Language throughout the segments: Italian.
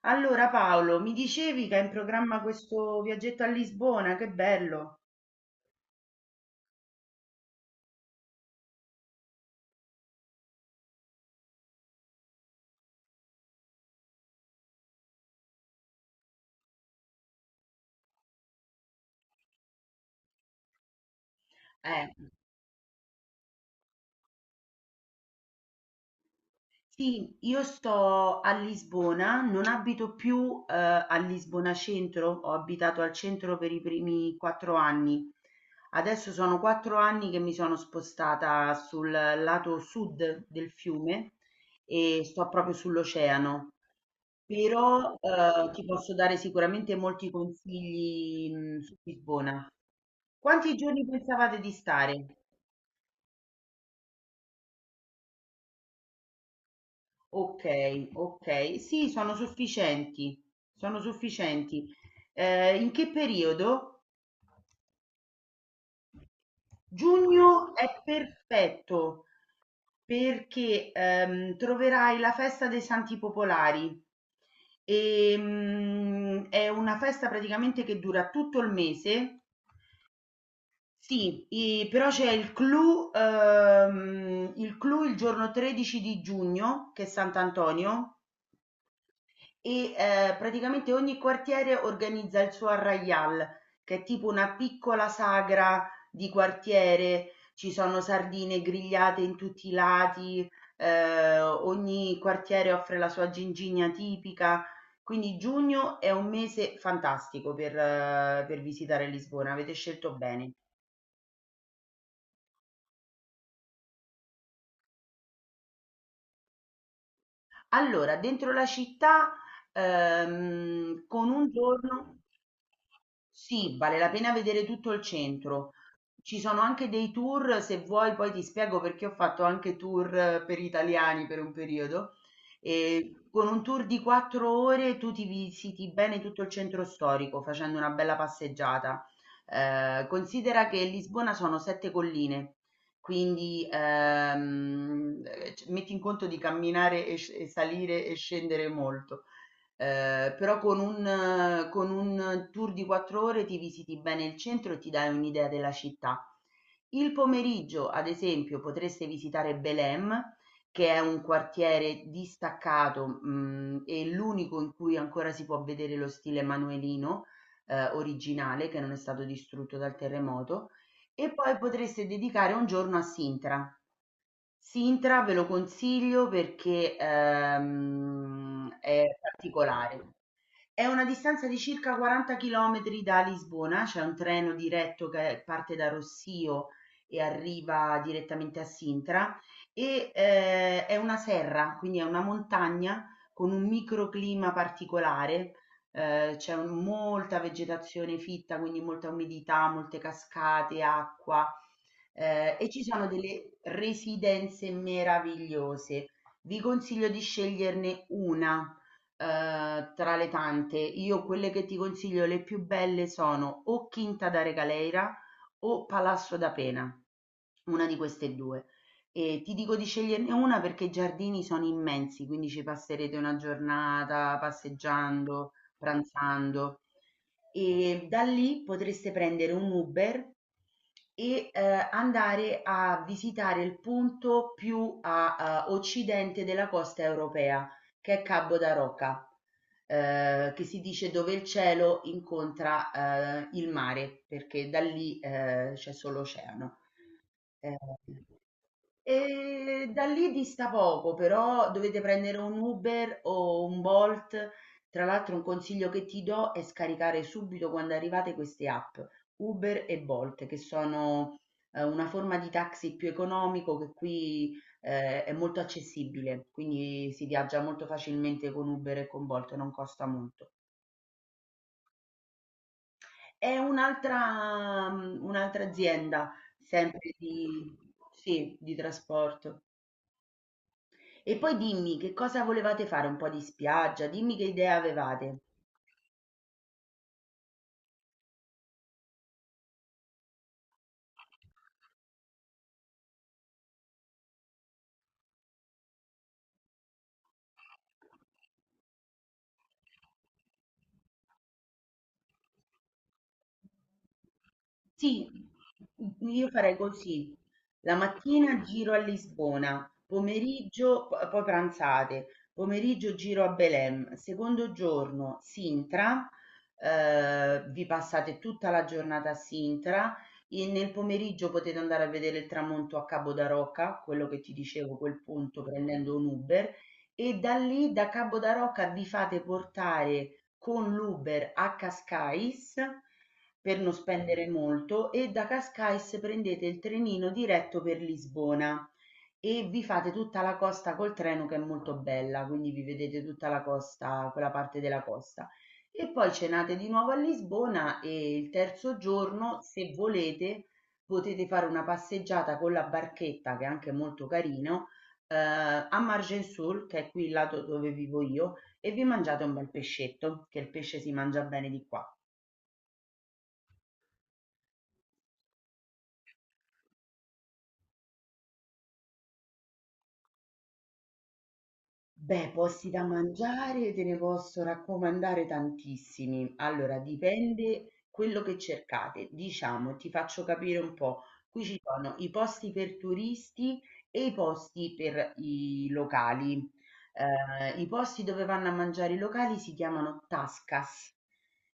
Allora Paolo, mi dicevi che hai in programma questo viaggetto a Lisbona, che bello! Eh. Sì, io sto a Lisbona, non abito più, a Lisbona centro, ho abitato al centro per i primi 4 anni. Adesso sono 4 anni che mi sono spostata sul lato sud del fiume e sto proprio sull'oceano. Però, ti posso dare sicuramente molti consigli, su Lisbona. Quanti giorni pensavate di stare? Okay, okay. Sì, sono sufficienti, sono sufficienti. In che periodo? Giugno è perfetto perché, troverai la festa dei Santi Popolari. È una festa praticamente che dura tutto il mese. Sì, i però c'è il clou, il clou il giorno 13 di giugno, che è Sant'Antonio e praticamente ogni quartiere organizza il suo arraial, che è tipo una piccola sagra di quartiere, ci sono sardine grigliate in tutti i lati, ogni quartiere offre la sua gingigna tipica, quindi giugno è un mese fantastico per visitare Lisbona, avete scelto bene. Allora, dentro la città, con un giorno. Sì, vale la pena vedere tutto il centro. Ci sono anche dei tour, se vuoi poi ti spiego perché ho fatto anche tour per italiani per un periodo. E con un tour di 4 ore tu ti visiti bene tutto il centro storico facendo una bella passeggiata. Considera che Lisbona sono sette colline, quindi metti in conto di camminare e salire e scendere molto. Però con un tour di 4 ore ti visiti bene il centro e ti dai un'idea della città. Il pomeriggio, ad esempio, potreste visitare Belém, che è un quartiere distaccato, e l'unico in cui ancora si può vedere lo stile manuelino, originale, che non è stato distrutto dal terremoto, e poi potreste dedicare un giorno a Sintra. Sintra ve lo consiglio perché, è particolare. È una distanza di circa 40 chilometri da Lisbona, c'è un treno diretto che parte da Rossio e arriva direttamente a Sintra e è una serra, quindi è una montagna con un microclima particolare, c'è molta vegetazione fitta, quindi molta umidità, molte cascate, acqua e ci sono delle residenze meravigliose. Vi consiglio di sceglierne una tra le tante, io quelle che ti consiglio le più belle sono o Quinta da Regaleira o Palazzo da Pena, una di queste due. E ti dico di sceglierne una perché i giardini sono immensi, quindi ci passerete una giornata passeggiando, pranzando. E da lì potreste prendere un Uber andare a visitare il punto più a occidente della costa europea che è Cabo da Roca, che si dice dove il cielo incontra il mare, perché da lì c'è solo oceano. Eh, Da lì dista poco, però dovete prendere un Uber o un Bolt. Tra l'altro un consiglio che ti do è scaricare subito quando arrivate queste app, Uber e Bolt, che sono una forma di taxi più economico che qui è molto accessibile, quindi si viaggia molto facilmente con Uber e con Bolt, non costa molto. È un'altra azienda sempre di, sì, di trasporto. E poi dimmi che cosa volevate fare, un po' di spiaggia, dimmi che idea avevate. Sì, io farei così. La mattina giro a Lisbona, pomeriggio, poi pranzate, pomeriggio giro a Belém, secondo giorno Sintra, vi passate tutta la giornata a Sintra e nel pomeriggio potete andare a vedere il tramonto a Cabo da Roca, quello che ti dicevo, quel punto prendendo un Uber e da lì, da Cabo da Roca, vi fate portare con l'Uber a Cascais per non spendere molto e da Cascais prendete il trenino diretto per Lisbona e vi fate tutta la costa col treno che è molto bella, quindi vi vedete tutta la costa, quella parte della costa. E poi cenate di nuovo a Lisbona e il terzo giorno, se volete, potete fare una passeggiata con la barchetta, che è anche molto carino, a Margensul, che è qui il lato dove vivo io, e vi mangiate un bel pescetto, che il pesce si mangia bene di qua. Beh, posti da mangiare te ne posso raccomandare tantissimi. Allora, dipende quello che cercate. Diciamo, ti faccio capire un po'. Qui ci sono i posti per turisti e i posti per i locali. I posti dove vanno a mangiare i locali si chiamano tascas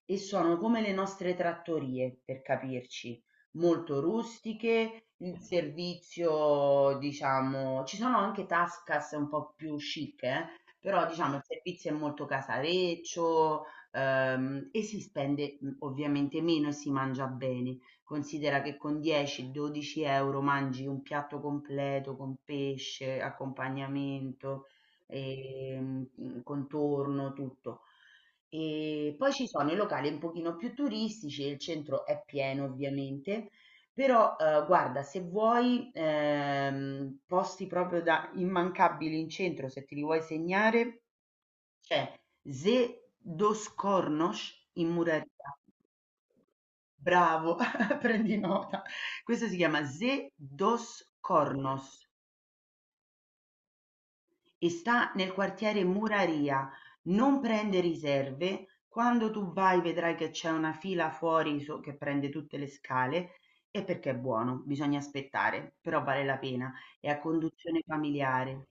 e sono come le nostre trattorie, per capirci molto rustiche, il servizio diciamo ci sono anche Tascas un po' più chic, però diciamo il servizio è molto casareccio, e si spende, ovviamente meno e si mangia bene. Considera che con 10, 12 € mangi un piatto completo con pesce, accompagnamento, contorno, tutto. E poi ci sono i locali un pochino più turistici e il centro è pieno ovviamente, però guarda, se vuoi posti proprio da immancabili in centro, se ti li vuoi segnare, c'è Ze dos Cornos in Muraria. Bravo, prendi nota. Questo si chiama Ze dos Cornos e sta nel quartiere Muraria, non prende riserve, quando tu vai vedrai che c'è una fila fuori che prende tutte le scale e perché è buono, bisogna aspettare, però vale la pena, è a conduzione familiare.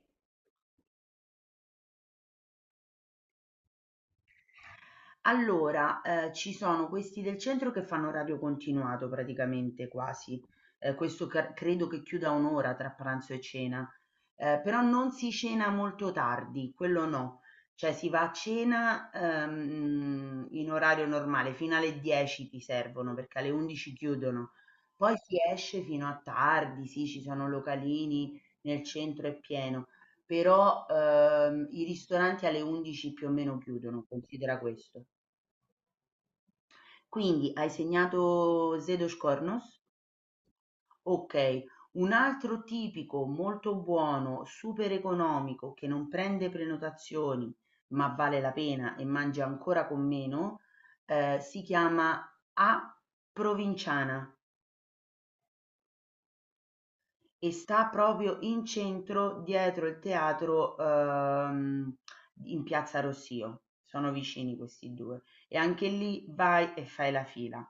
Allora, ci sono questi del centro che fanno orario continuato praticamente quasi, questo ca credo che chiuda 1 ora tra pranzo e cena, però non si cena molto tardi, quello no. Cioè si va a cena, in orario normale, fino alle 10 ti servono perché alle 11 chiudono. Poi si esce fino a tardi, sì, ci sono localini, nel centro è pieno, però, i ristoranti alle 11 più o meno chiudono, considera questo. Quindi hai segnato Zedos Cornos? Ok, un altro tipico molto buono, super economico, che non prende prenotazioni, ma vale la pena e mangia ancora con meno, si chiama A Provinciana. E sta proprio in centro dietro il teatro in Piazza Rossio. Sono vicini questi due e anche lì vai e fai la fila.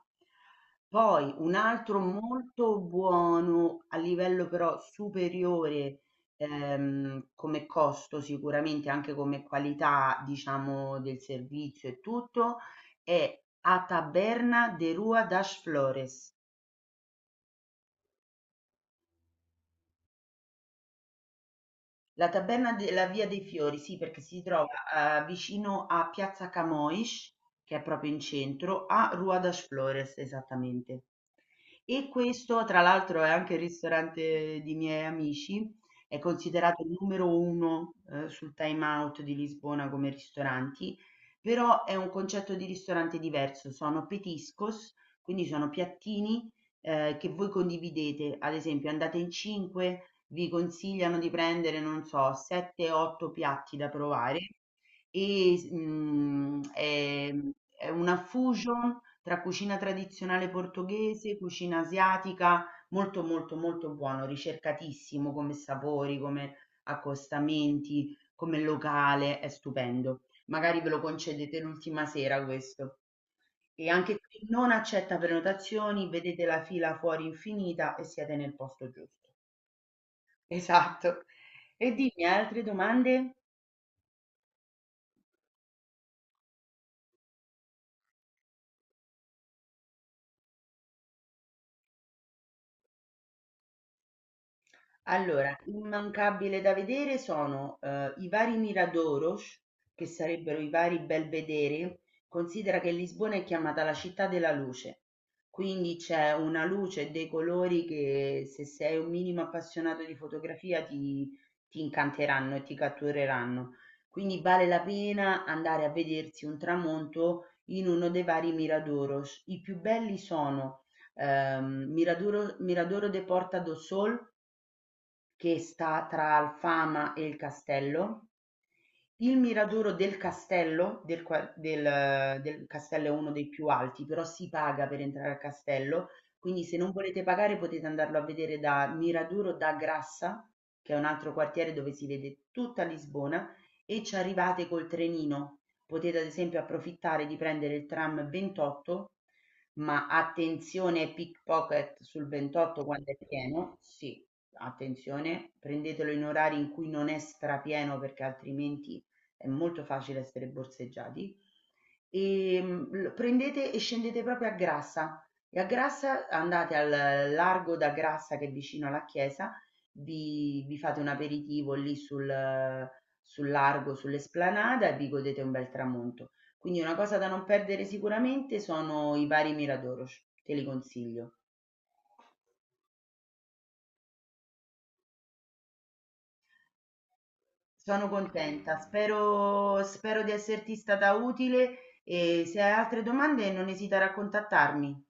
Poi un altro molto buono a livello però superiore come costo sicuramente anche come qualità diciamo del servizio e tutto è a Taberna de Rua das Flores. La taberna della Via dei Fiori, sì, perché si trova, vicino a piazza Camões, che è proprio in centro, a Rua das Flores, esattamente. E questo, tra l'altro, è anche il ristorante di miei amici, è considerato il numero 1, sul Time Out di Lisbona come ristoranti, però è un concetto di ristorante diverso, sono petiscos, quindi sono piattini, che voi condividete. Ad esempio andate in 5, vi consigliano di prendere, non so, 7, 8 piatti da provare e, è una fusion tra cucina tradizionale portoghese, cucina asiatica, molto molto molto buono, ricercatissimo come sapori, come accostamenti, come locale, è stupendo. Magari ve lo concedete l'ultima sera questo. E anche qui non accetta prenotazioni, vedete la fila fuori infinita e siete nel posto giusto. Esatto. E dimmi, altre domande? Allora, immancabile da vedere sono i vari Miradoros, che sarebbero i vari belvedere. Considera che Lisbona è chiamata la città della luce, quindi c'è una luce e dei colori che se sei un minimo appassionato di fotografia ti incanteranno e ti cattureranno. Quindi vale la pena andare a vedersi un tramonto in uno dei vari Miradoros. I più belli sono Miradoro de Porta do Sol che sta tra Alfama e il castello, il Miradoro del castello, del castello è uno dei più alti, però si paga per entrare al castello, quindi se non volete pagare potete andarlo a vedere da Miradoro da Grassa, che è un altro quartiere dove si vede tutta Lisbona, e ci arrivate col trenino. Potete ad esempio approfittare di prendere il tram 28, ma attenzione pickpocket sul 28 quando è pieno, sì, attenzione, prendetelo in orari in cui non è strapieno perché altrimenti è molto facile essere borseggiati. E prendete e scendete proprio a Grassa. E a Grassa andate al largo da Grassa che è vicino alla chiesa, vi fate un aperitivo lì sul largo, sull'esplanada e vi godete un bel tramonto. Quindi una cosa da non perdere sicuramente sono i vari Miradoros, te li consiglio. Sono contenta, spero di esserti stata utile e se hai altre domande non esitare a contattarmi.